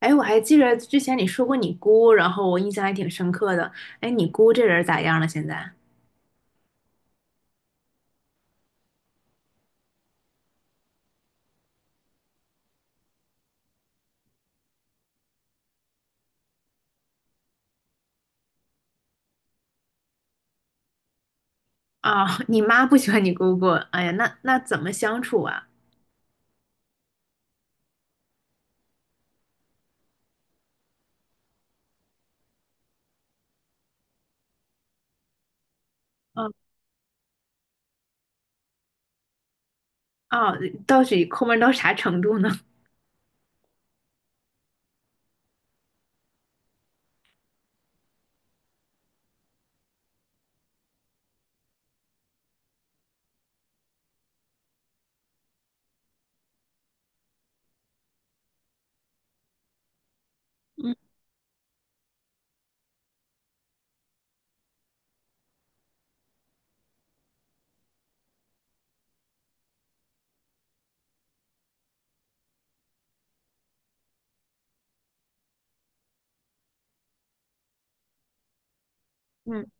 哎，我还记着之前你说过你姑，然后我印象还挺深刻的。哎，你姑这人咋样了？现在啊，你妈不喜欢你姑姑。哎呀，那怎么相处啊？嗯啊，哦，到底抠门到啥程度呢？嗯嗯，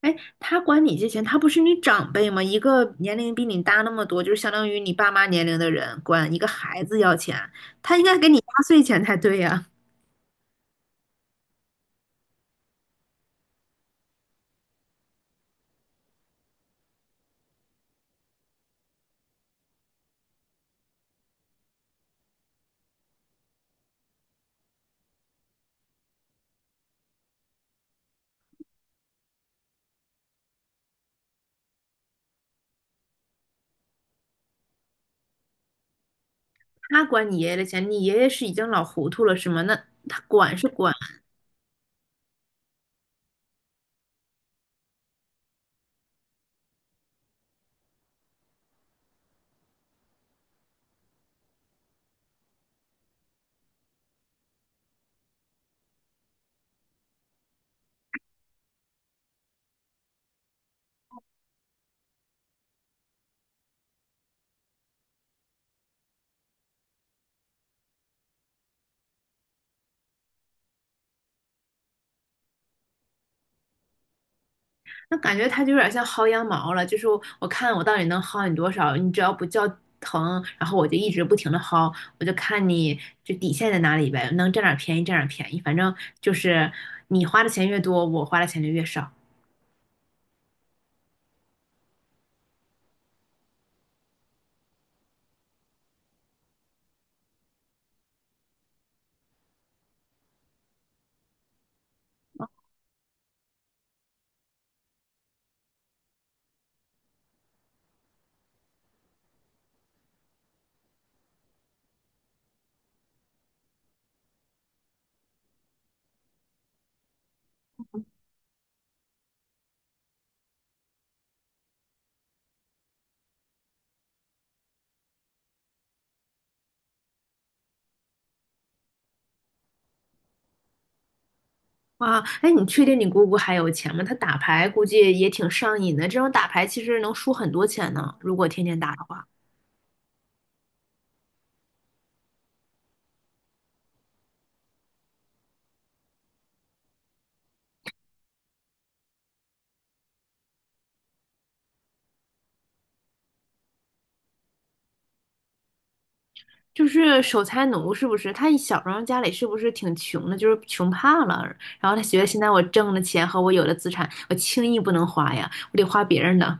哎，他管你借钱，他不是你长辈吗？一个年龄比你大那么多，就是相当于你爸妈年龄的人，管一个孩子要钱，他应该给你压岁钱才对呀。他管你爷爷的钱，你爷爷是已经老糊涂了是吗？那他管是管，那感觉他就有点像薅羊毛了，就是我看我到底能薅你多少，你只要不叫疼，然后我就一直不停的薅，我就看你就底线在哪里呗，能占点便宜占点便宜，反正就是你花的钱越多，我花的钱就越少。哇，哎，你确定你姑姑还有钱吗？她打牌估计也挺上瘾的，这种打牌其实能输很多钱呢，如果天天打的话。就是守财奴是不是？他小时候家里是不是挺穷的，就是穷怕了。然后他觉得现在我挣的钱和我有的资产，我轻易不能花呀，我得花别人的。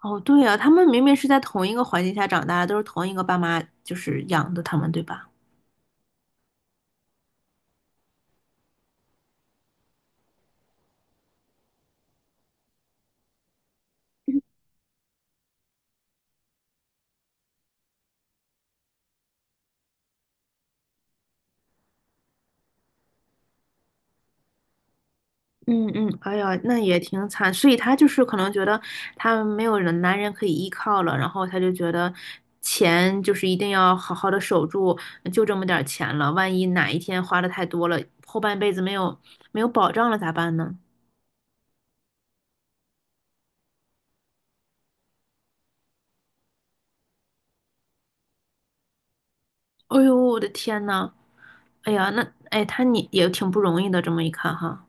哦，对呀，他们明明是在同一个环境下长大的都是同一个爸妈就是养的他们，对吧？嗯嗯，哎呀，那也挺惨，所以他就是可能觉得他没有人男人可以依靠了，然后他就觉得钱就是一定要好好的守住，就这么点儿钱了，万一哪一天花的太多了，后半辈子没有保障了咋办呢？哎呦，我的天呐，哎呀，那哎他你也挺不容易的，这么一看哈。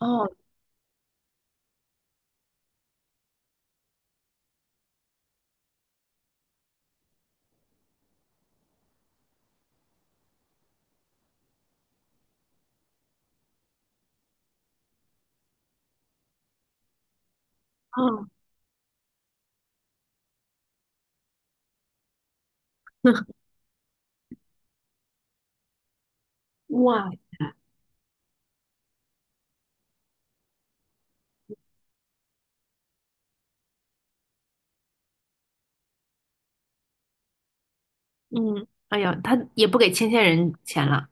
哦哦 哇，嗯，哎呀，他也不给牵线人钱了，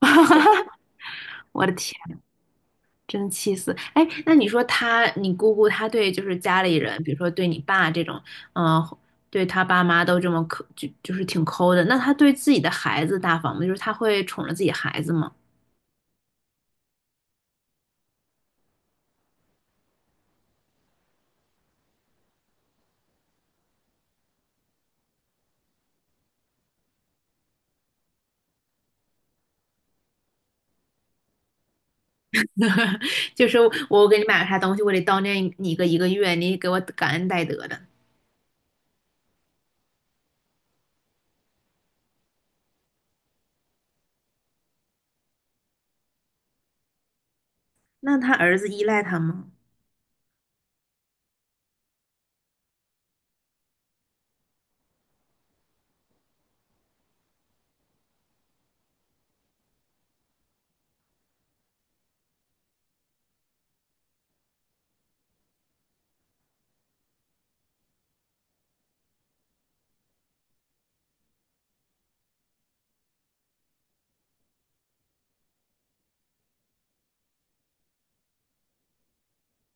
我的天。真气死！哎，那你说他，你姑姑她对就是家里人，比如说对你爸这种，嗯、对他爸妈都这么抠，就是挺抠的。那他对自己的孩子大方吗？就是他会宠着自己孩子吗？就是我给你买了啥东西，我得叨念你个一个月，你给我感恩戴德的。那他儿子依赖他吗？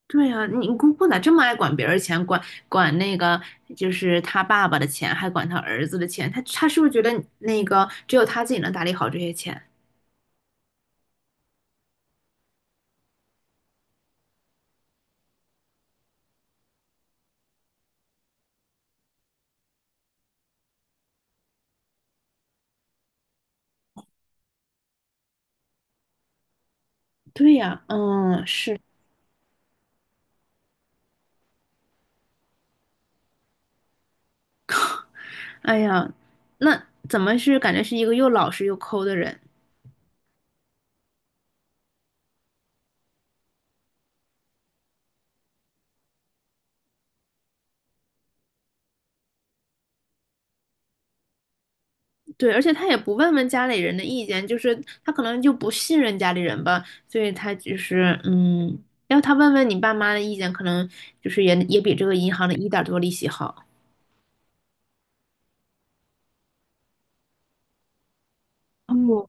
对呀、啊你姑姑咋这么爱管别人钱，管那个就是他爸爸的钱，还管他儿子的钱？他是不是觉得那个只有他自己能打理好这些钱？对呀，嗯，是，哎呀，那怎么是感觉是一个又老实又抠的人？对，而且他也不问问家里人的意见，就是他可能就不信任家里人吧，所以他就是嗯，要他问问你爸妈的意见，可能就是也比这个银行的一点多利息好。哦，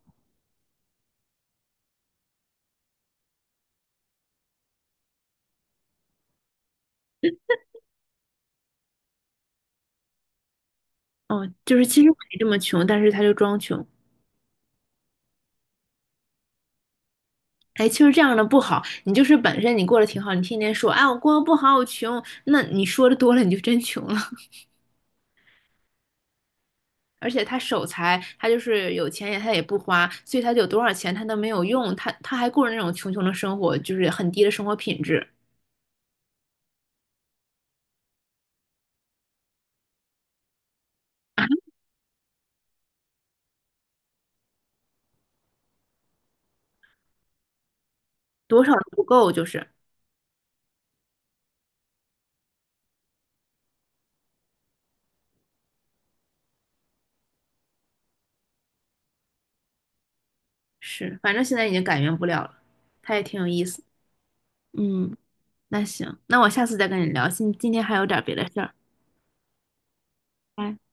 哦，就是其实没这么穷，但是他就装穷。哎，其实这样的不好，你就是本身你过得挺好，你天天说，哎，我过得不好，我穷，那你说的多了，你就真穷了。而且他守财，他就是有钱也他也不花，所以他有多少钱他都没有用，他还过着那种穷穷的生活，就是很低的生活品质，多少都不够，就是是，反正现在已经改变不了了，他也挺有意思，嗯，那行，那我下次再跟你聊，今天还有点别的事儿，拜。